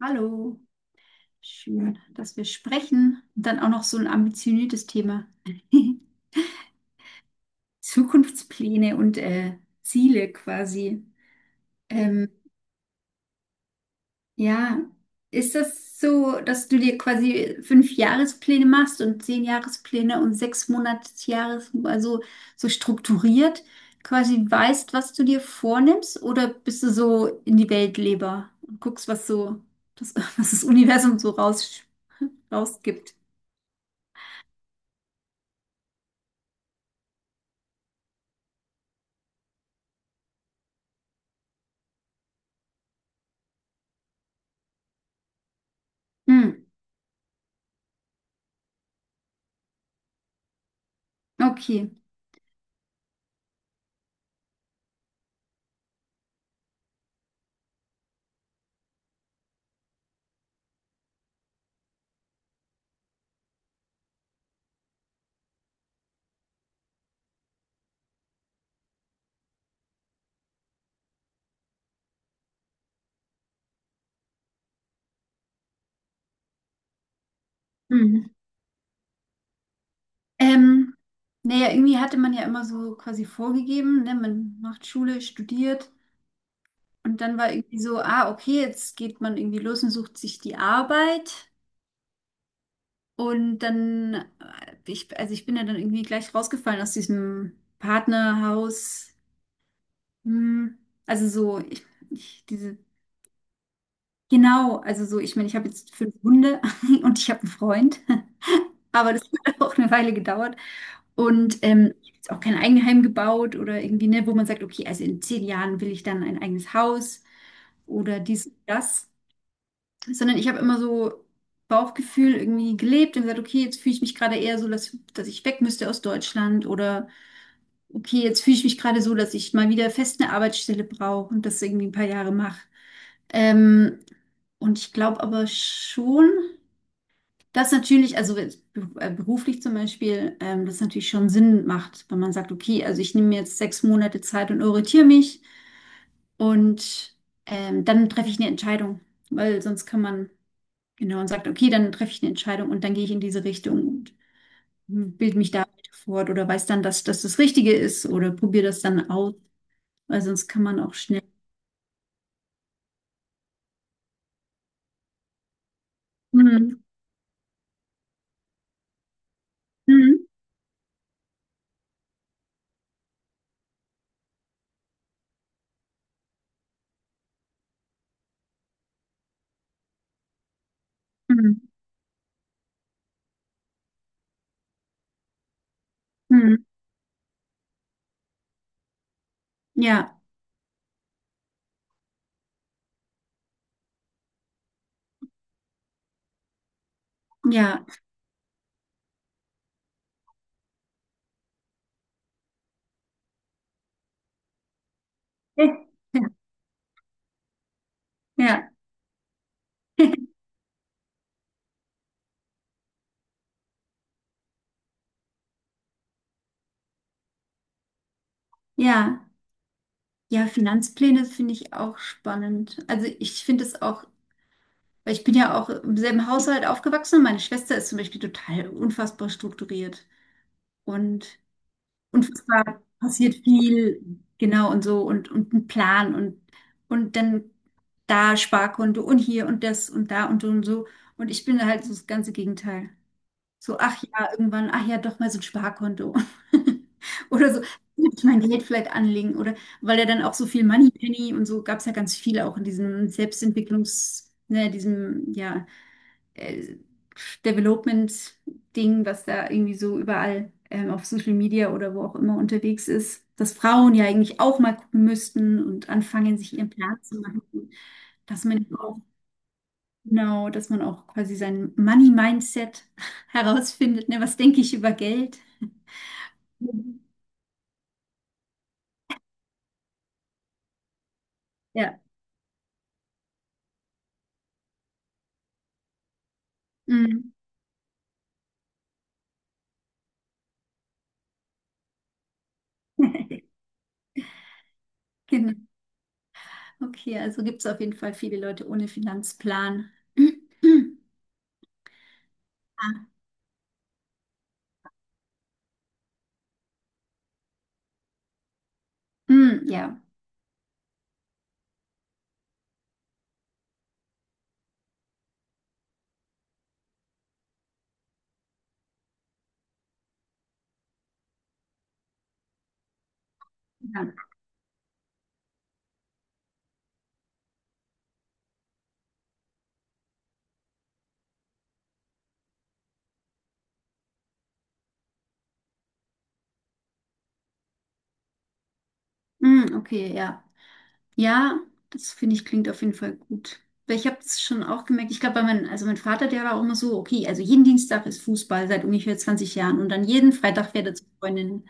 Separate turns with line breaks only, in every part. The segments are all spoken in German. Hallo, schön, dass wir sprechen. Und dann auch noch so ein ambitioniertes Thema. Zukunftspläne und Ziele quasi. Ähm, ja, ist das so, dass du dir quasi fünf Jahrespläne machst und 10 Jahrespläne und sechs Monatsjahres, also so strukturiert quasi weißt, was du dir vornimmst? Oder bist du so in die Weltleber und guckst, was so das, was das Universum so rausgibt? Hm, okay. Hm. Ähm, naja, irgendwie hatte man ja immer so quasi vorgegeben, ne? Man macht Schule, studiert und dann war irgendwie so, ah, okay, jetzt geht man irgendwie los und sucht sich die Arbeit. Und dann, also ich bin ja dann irgendwie gleich rausgefallen aus diesem Partnerhaus. Hm. Also so, genau, also so, ich meine, ich habe jetzt fünf Hunde und ich habe einen Freund, aber das hat auch eine Weile gedauert. Und ich habe jetzt auch kein Eigenheim gebaut oder irgendwie, ne, wo man sagt, okay, also in 10 Jahren will ich dann ein eigenes Haus oder dies, das. Sondern ich habe immer so Bauchgefühl irgendwie gelebt und gesagt, okay, jetzt fühle ich mich gerade eher so, dass ich weg müsste aus Deutschland oder okay, jetzt fühle ich mich gerade so, dass ich mal wieder fest eine Arbeitsstelle brauche und das irgendwie ein paar Jahre mache. Ähm, und ich glaube aber schon. Das natürlich, also jetzt beruflich zum Beispiel, das natürlich schon Sinn macht, wenn man sagt, okay, also ich nehme mir jetzt 6 Monate Zeit und orientiere mich und dann treffe ich eine Entscheidung, weil sonst kann man, genau, und sagt, okay, dann treffe ich eine Entscheidung und dann gehe ich in diese Richtung und bilde mich da weiter fort oder weiß dann, dass das das Richtige ist oder probiere das dann aus, weil sonst kann man auch schnell. Mhm. Mhm. Mhm. Mhm. Ja, ja, ja, ja, ja. Ja, Finanzpläne finde ich auch spannend. Also ich finde es auch, weil ich bin ja auch im selben Haushalt aufgewachsen und meine Schwester ist zum Beispiel total unfassbar strukturiert und unfassbar passiert viel, genau und so und ein Plan und dann da Sparkonto und hier und das und da und so und so. Und ich bin halt so das ganze Gegenteil. So, ach ja, irgendwann, ach ja, doch mal so ein Sparkonto. Oder so, will ich mein Geld vielleicht anlegen. Oder weil er dann auch so viel Moneypenny und so gab es ja ganz viele auch in diesem Selbstentwicklungs, ne, diesem, ja, äh, Development-Ding, was da irgendwie so überall auf Social Media oder wo auch immer unterwegs ist, dass Frauen ja eigentlich auch mal gucken müssten und anfangen, sich ihren Plan zu machen, dass man Genau, dass man auch quasi sein Money-Mindset herausfindet. Ne? Was denke ich über Geld? Mhm. Ja. Mhm. Genau. Okay, also gibt es auf jeden Fall viele Leute ohne Finanzplan. Ah, mm, ja. Ja. Mm, okay, ja. Ja, das finde ich klingt auf jeden Fall gut. Weil ich habe es schon auch gemerkt, ich glaube, also mein Vater, der war auch immer so, okay, also jeden Dienstag ist Fußball seit ungefähr 20 Jahren und dann jeden Freitag fährt er zu Freundinnen.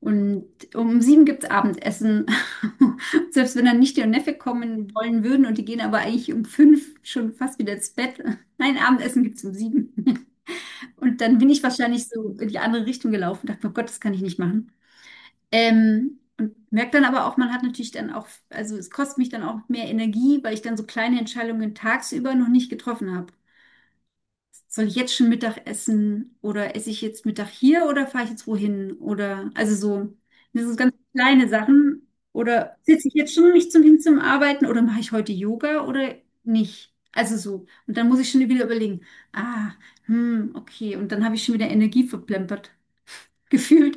Und um 7 gibt es Abendessen. Selbst wenn dann nicht und Neffe kommen wollen würden und die gehen aber eigentlich um 5 schon fast wieder ins Bett. Nein, Abendessen gibt es um 7. Und dann bin ich wahrscheinlich so in die andere Richtung gelaufen und dachte, oh Gott, das kann ich nicht machen. Und merke dann aber auch, man hat natürlich dann auch, also es kostet mich dann auch mehr Energie, weil ich dann so kleine Entscheidungen tagsüber noch nicht getroffen habe. Soll ich jetzt schon Mittag essen oder esse ich jetzt Mittag hier oder fahre ich jetzt wohin? Oder also so, das sind ganz kleine Sachen. Oder sitze ich jetzt schon nicht zum hin zum Arbeiten oder mache ich heute Yoga oder nicht? Also so. Und dann muss ich schon wieder überlegen, ah, hm, okay. Und dann habe ich schon wieder Energie verplempert, gefühlt,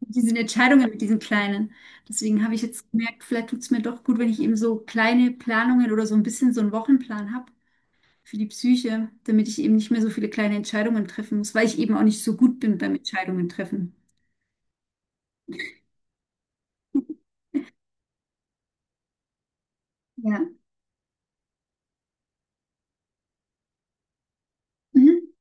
mit diesen Entscheidungen, mit diesen kleinen. Deswegen habe ich jetzt gemerkt, vielleicht tut es mir doch gut, wenn ich eben so kleine Planungen oder so ein bisschen so einen Wochenplan habe für die Psyche, damit ich eben nicht mehr so viele kleine Entscheidungen treffen muss, weil ich eben auch nicht so gut bin beim Entscheidungen treffen. Ja. Mhm.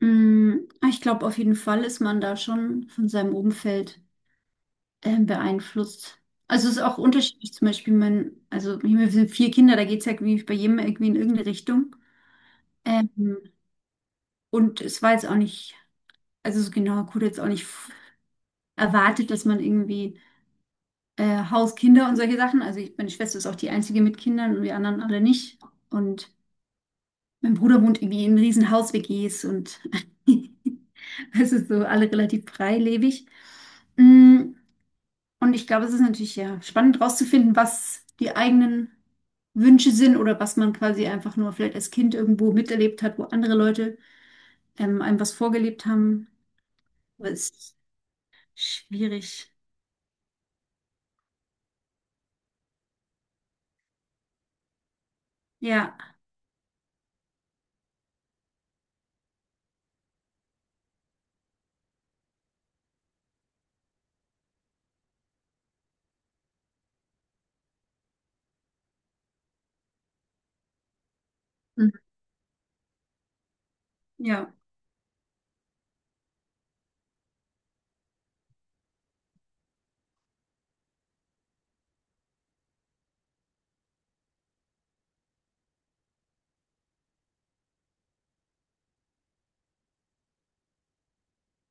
Ich glaube, auf jeden Fall ist man da schon von seinem Umfeld beeinflusst. Also es ist auch unterschiedlich, zum Beispiel also wir sind vier Kinder, da geht es ja irgendwie bei jedem irgendwie in irgendeine Richtung. Ähm, und es war jetzt auch nicht, also so genau, gut, jetzt auch nicht erwartet, dass man irgendwie Haus, Kinder und solche Sachen, also meine Schwester ist auch die einzige mit Kindern und wir anderen alle nicht. Und mein Bruder wohnt irgendwie in riesen Haus-WGs und es ist so alle relativ freilebig. Mm, Und ich glaube, es ist natürlich ja spannend rauszufinden, was die eigenen Wünsche sind oder was man quasi einfach nur vielleicht als Kind irgendwo miterlebt hat, wo andere Leute einem was vorgelebt haben. Aber es ist schwierig. Ja. Mm, ja.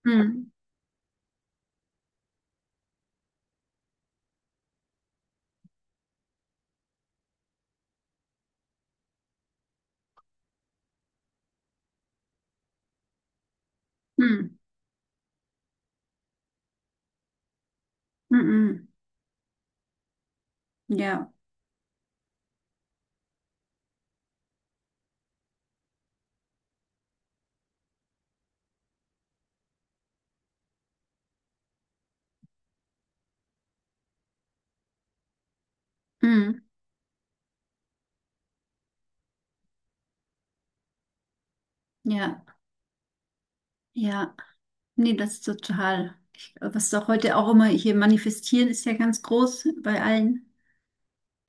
Mm, mm, mm, mm. Mm. Ja. Mm, ja. Ja. Nee, das ist total. Ich, was doch heute auch immer hier manifestieren, ist ja ganz groß bei allen.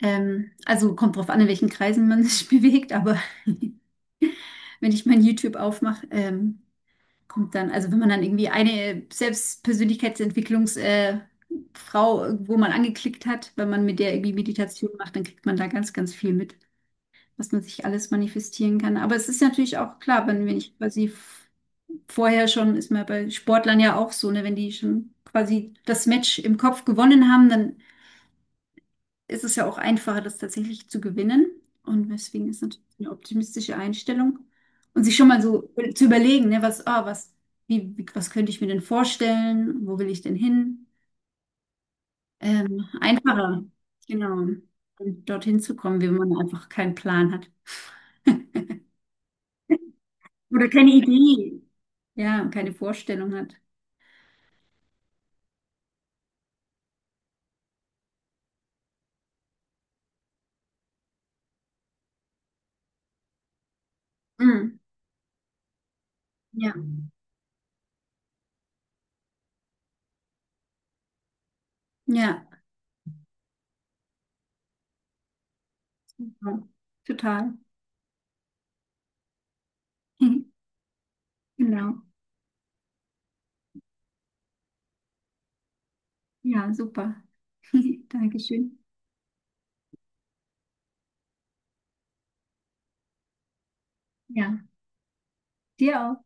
Also kommt drauf an, in welchen Kreisen man sich bewegt, aber wenn ich mein YouTube aufmache, kommt dann, also wenn man dann irgendwie eine Selbstpersönlichkeitsentwicklungs, Frau irgendwo mal angeklickt hat, wenn man mit der irgendwie Meditation macht, dann kriegt man da ganz, ganz viel mit, was man sich alles manifestieren kann. Aber es ist natürlich auch klar, wenn ich quasi vorher schon ist man bei Sportlern ja auch so, ne, wenn die schon quasi das Match im Kopf gewonnen haben, dann ist es ja auch einfacher, das tatsächlich zu gewinnen. Und deswegen ist natürlich eine optimistische Einstellung. Und sich schon mal so zu überlegen, ne, was könnte ich mir denn vorstellen? Wo will ich denn hin? Einfacher, genau, um dorthin zu kommen, wenn man einfach keinen Plan hat. Oder keine Idee. Ja, und keine Vorstellung hat. Mm, ja, ja, total. Genau. Ja, super. Dankeschön. Ja, dir auch.